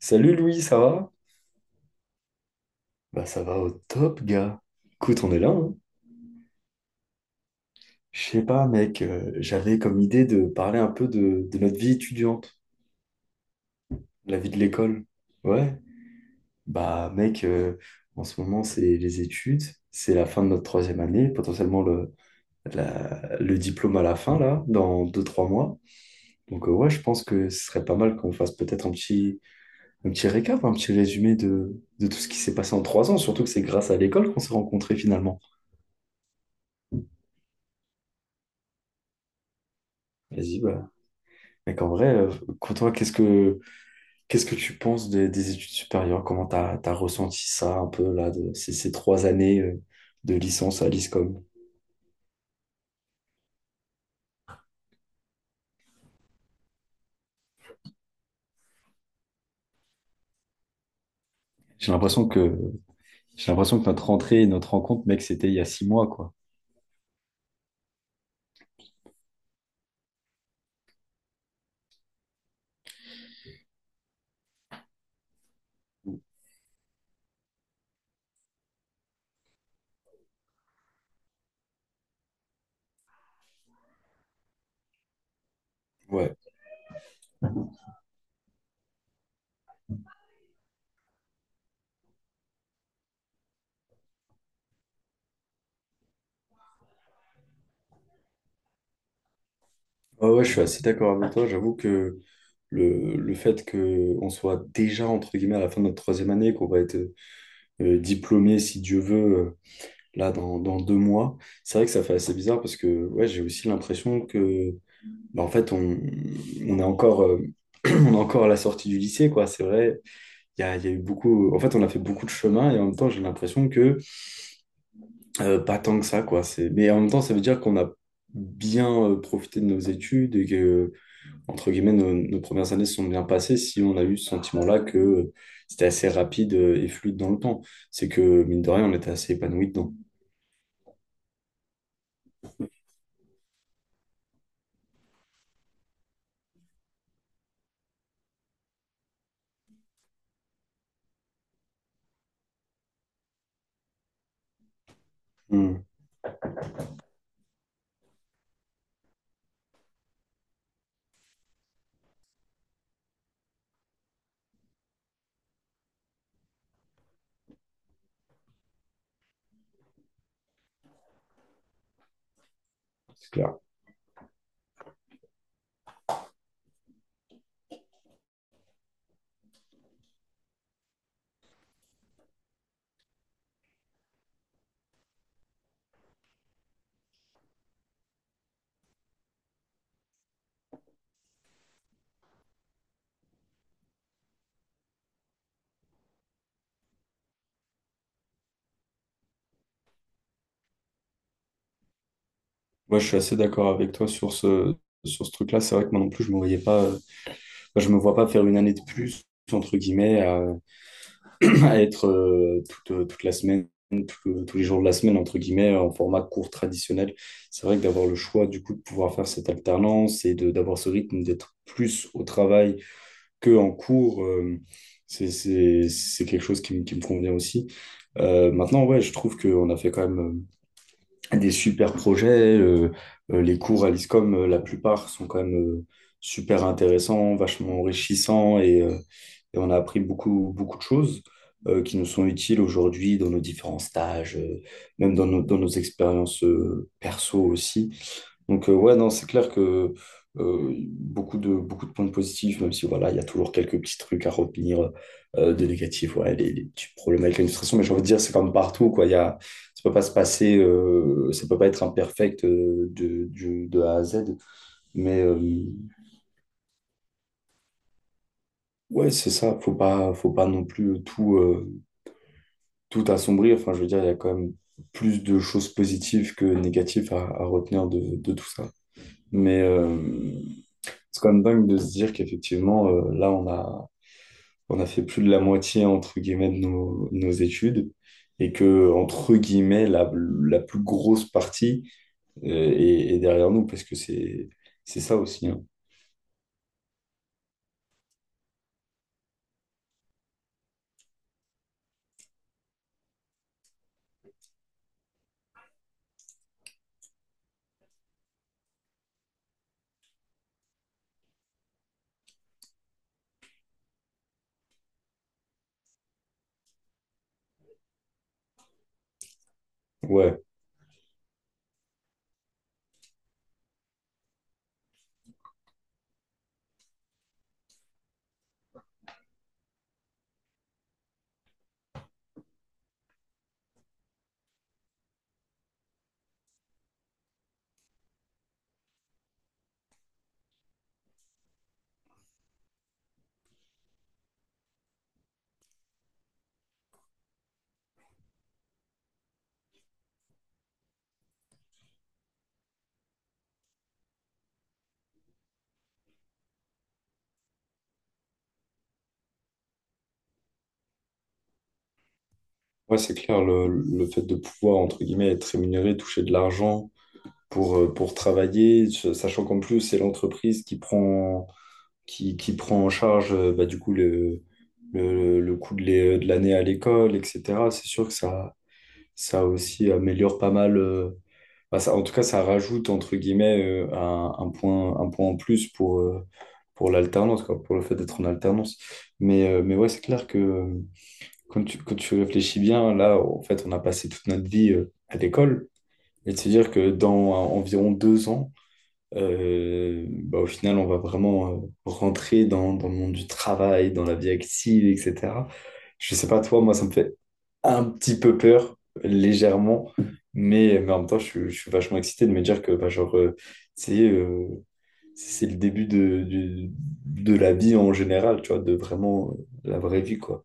Salut Louis, ça va? Ça va au top, gars. Écoute, on est là, hein. Je sais pas, mec, j'avais comme idée de parler un peu de notre vie étudiante, la vie de l'école. Ouais. Bah mec, en ce moment, c'est les études, c'est la fin de notre troisième année, potentiellement le diplôme à la fin, là, dans deux, 3 mois. Donc ouais, je pense que ce serait pas mal qu'on fasse un petit récap, un petit résumé de tout ce qui s'est passé en 3 ans, surtout que c'est grâce à l'école qu'on s'est rencontrés finalement. Vas-y, Mais qu'en vrai, euh, quand toi, qu'est-ce que tu penses des études supérieures? Comment t'as ressenti ça un peu là de ces 3 années, de licence à l'ISCOM? J'ai l'impression que j'ai l'impression que notre rentrée et notre rencontre, mec, c'était il y a 6 mois, quoi. Ouais. Ouais, je suis assez d'accord avec toi. J'avoue que le fait qu'on soit déjà, entre guillemets, à la fin de notre troisième année, qu'on va être diplômé, si Dieu veut, là, dans 2 mois, c'est vrai que ça fait assez bizarre parce que ouais, j'ai aussi l'impression que bah, en fait, on est encore, on est encore à la sortie du lycée, quoi. C'est vrai, il y a eu beaucoup. En fait, on a fait beaucoup de chemin et en même temps, j'ai l'impression que pas tant que ça, quoi. Mais en même temps, ça veut dire qu'on a bien, profité de nos études et que, entre guillemets, nos premières années se sont bien passées si on a eu ce sentiment-là que c'était assez rapide, et fluide dans le temps. C'est que, mine de rien, on était assez épanoui dedans. Hmm, c'est clair. Moi, je suis assez d'accord avec toi sur sur ce truc-là. C'est vrai que moi non plus, je me vois pas faire une année de plus entre guillemets à être toute la semaine tous les jours de la semaine entre guillemets en format court traditionnel. C'est vrai que d'avoir le choix du coup de pouvoir faire cette alternance et de d'avoir ce rythme d'être plus au travail que en cours, c'est quelque chose qui me convient aussi. Maintenant ouais je trouve qu'on a fait quand même, des super projets, les cours à l'ISCOM, la plupart sont quand même, super intéressants, vachement enrichissants et on a appris beaucoup, beaucoup de choses, qui nous sont utiles aujourd'hui dans nos différents stages, même dans dans nos expériences, perso aussi. Donc, ouais, non, c'est clair que, beaucoup beaucoup de points positifs, même si voilà, il y a toujours quelques petits trucs à retenir, de négatifs, ouais, les petits problèmes avec l'administration, mais j'ai envie de dire, c'est comme partout, quoi. Ça peut pas se passer, ça peut pas être imperfect, de A à Z, mais ouais, c'est ça, faut pas non plus tout assombri. Enfin, je veux dire, il y a quand même plus de choses positives que négatives à retenir de tout ça. Mais c'est quand même dingue de se dire qu'effectivement, là, on a fait plus de la moitié, entre guillemets, de nos études. Et que, entre guillemets, la plus grosse partie, est derrière nous, parce que c'est ça aussi, hein. Ouais, ouais, c'est clair, le fait de pouvoir, entre guillemets, être rémunéré, toucher de l'argent pour travailler, sachant qu'en plus, c'est l'entreprise qui prend en charge, le coût de l'année à l'école, etc. C'est sûr que ça aussi améliore pas mal. Bah, ça, en tout cas, ça rajoute, entre guillemets, un point en plus pour l'alternance, quoi, pour le fait d'être en alternance. Mais ouais, c'est clair que, quand tu réfléchis bien, là, en fait, on a passé toute notre vie, à l'école. Et de se dire que dans, environ 2 ans, au final, on va vraiment, rentrer dans le monde du travail, dans la vie active, etc. Je sais pas toi, moi, ça me fait un petit peu peur, légèrement, mais en même temps, je suis vachement excité de me dire que, bah, genre, c'est euh, c'est le début de la vie en général, tu vois, de vraiment, la vraie vie, quoi.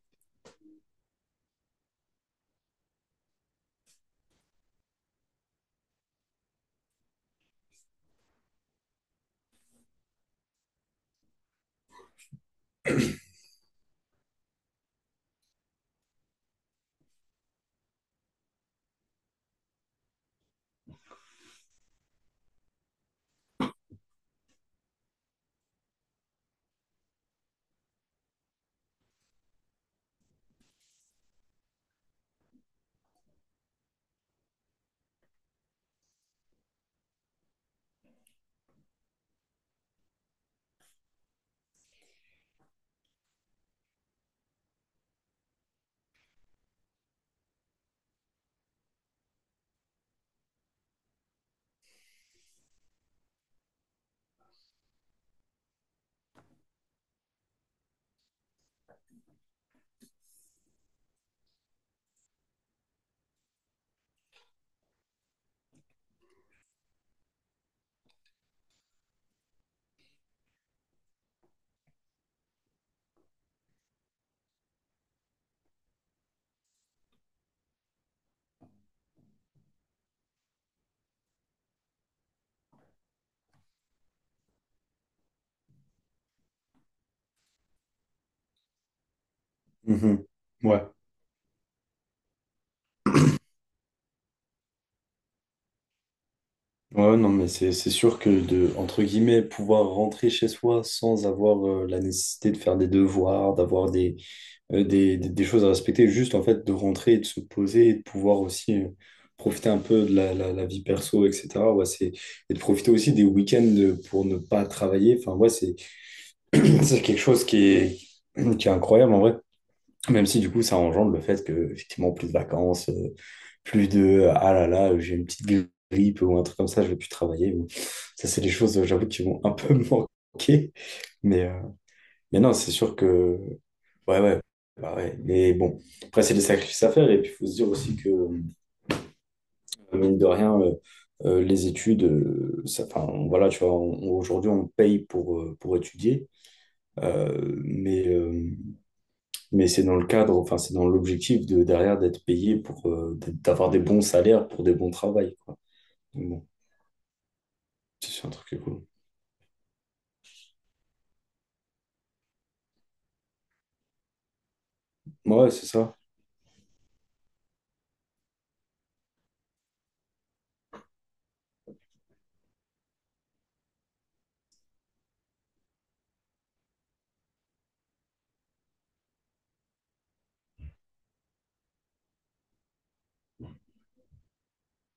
Mhm. Ouais. Ouais, non, mais c'est sûr que de, entre guillemets, pouvoir rentrer chez soi sans avoir, la nécessité de faire des devoirs, d'avoir des choses à respecter, juste en fait de rentrer et de se poser et de pouvoir aussi, profiter un peu de la vie perso, etc. Ouais, et de profiter aussi des week-ends, pour ne pas travailler. Enfin, ouais, c'est quelque chose qui est incroyable en vrai. Même si du coup, ça engendre le fait que, effectivement, plus de vacances, plus de ah là là, j'ai une petite grippe ou un truc comme ça, je vais plus travailler. Bon, ça, c'est des choses, j'avoue, qui vont un peu me manquer. Mais, euh, mais non, c'est sûr que. Ouais, ouais. Bah ouais. Mais bon, après, c'est des sacrifices à faire. Et puis, il faut se dire aussi que, mine de rien, les études, ça, enfin, voilà, tu vois, aujourd'hui, on paye pour étudier. Euh, mais, euh, mais c'est dans le cadre, enfin, c'est dans l'objectif de derrière d'être payé pour, d'avoir des bons salaires pour des bons travails, quoi. Donc bon, c'est un truc qui est cool. Ouais, c'est ça.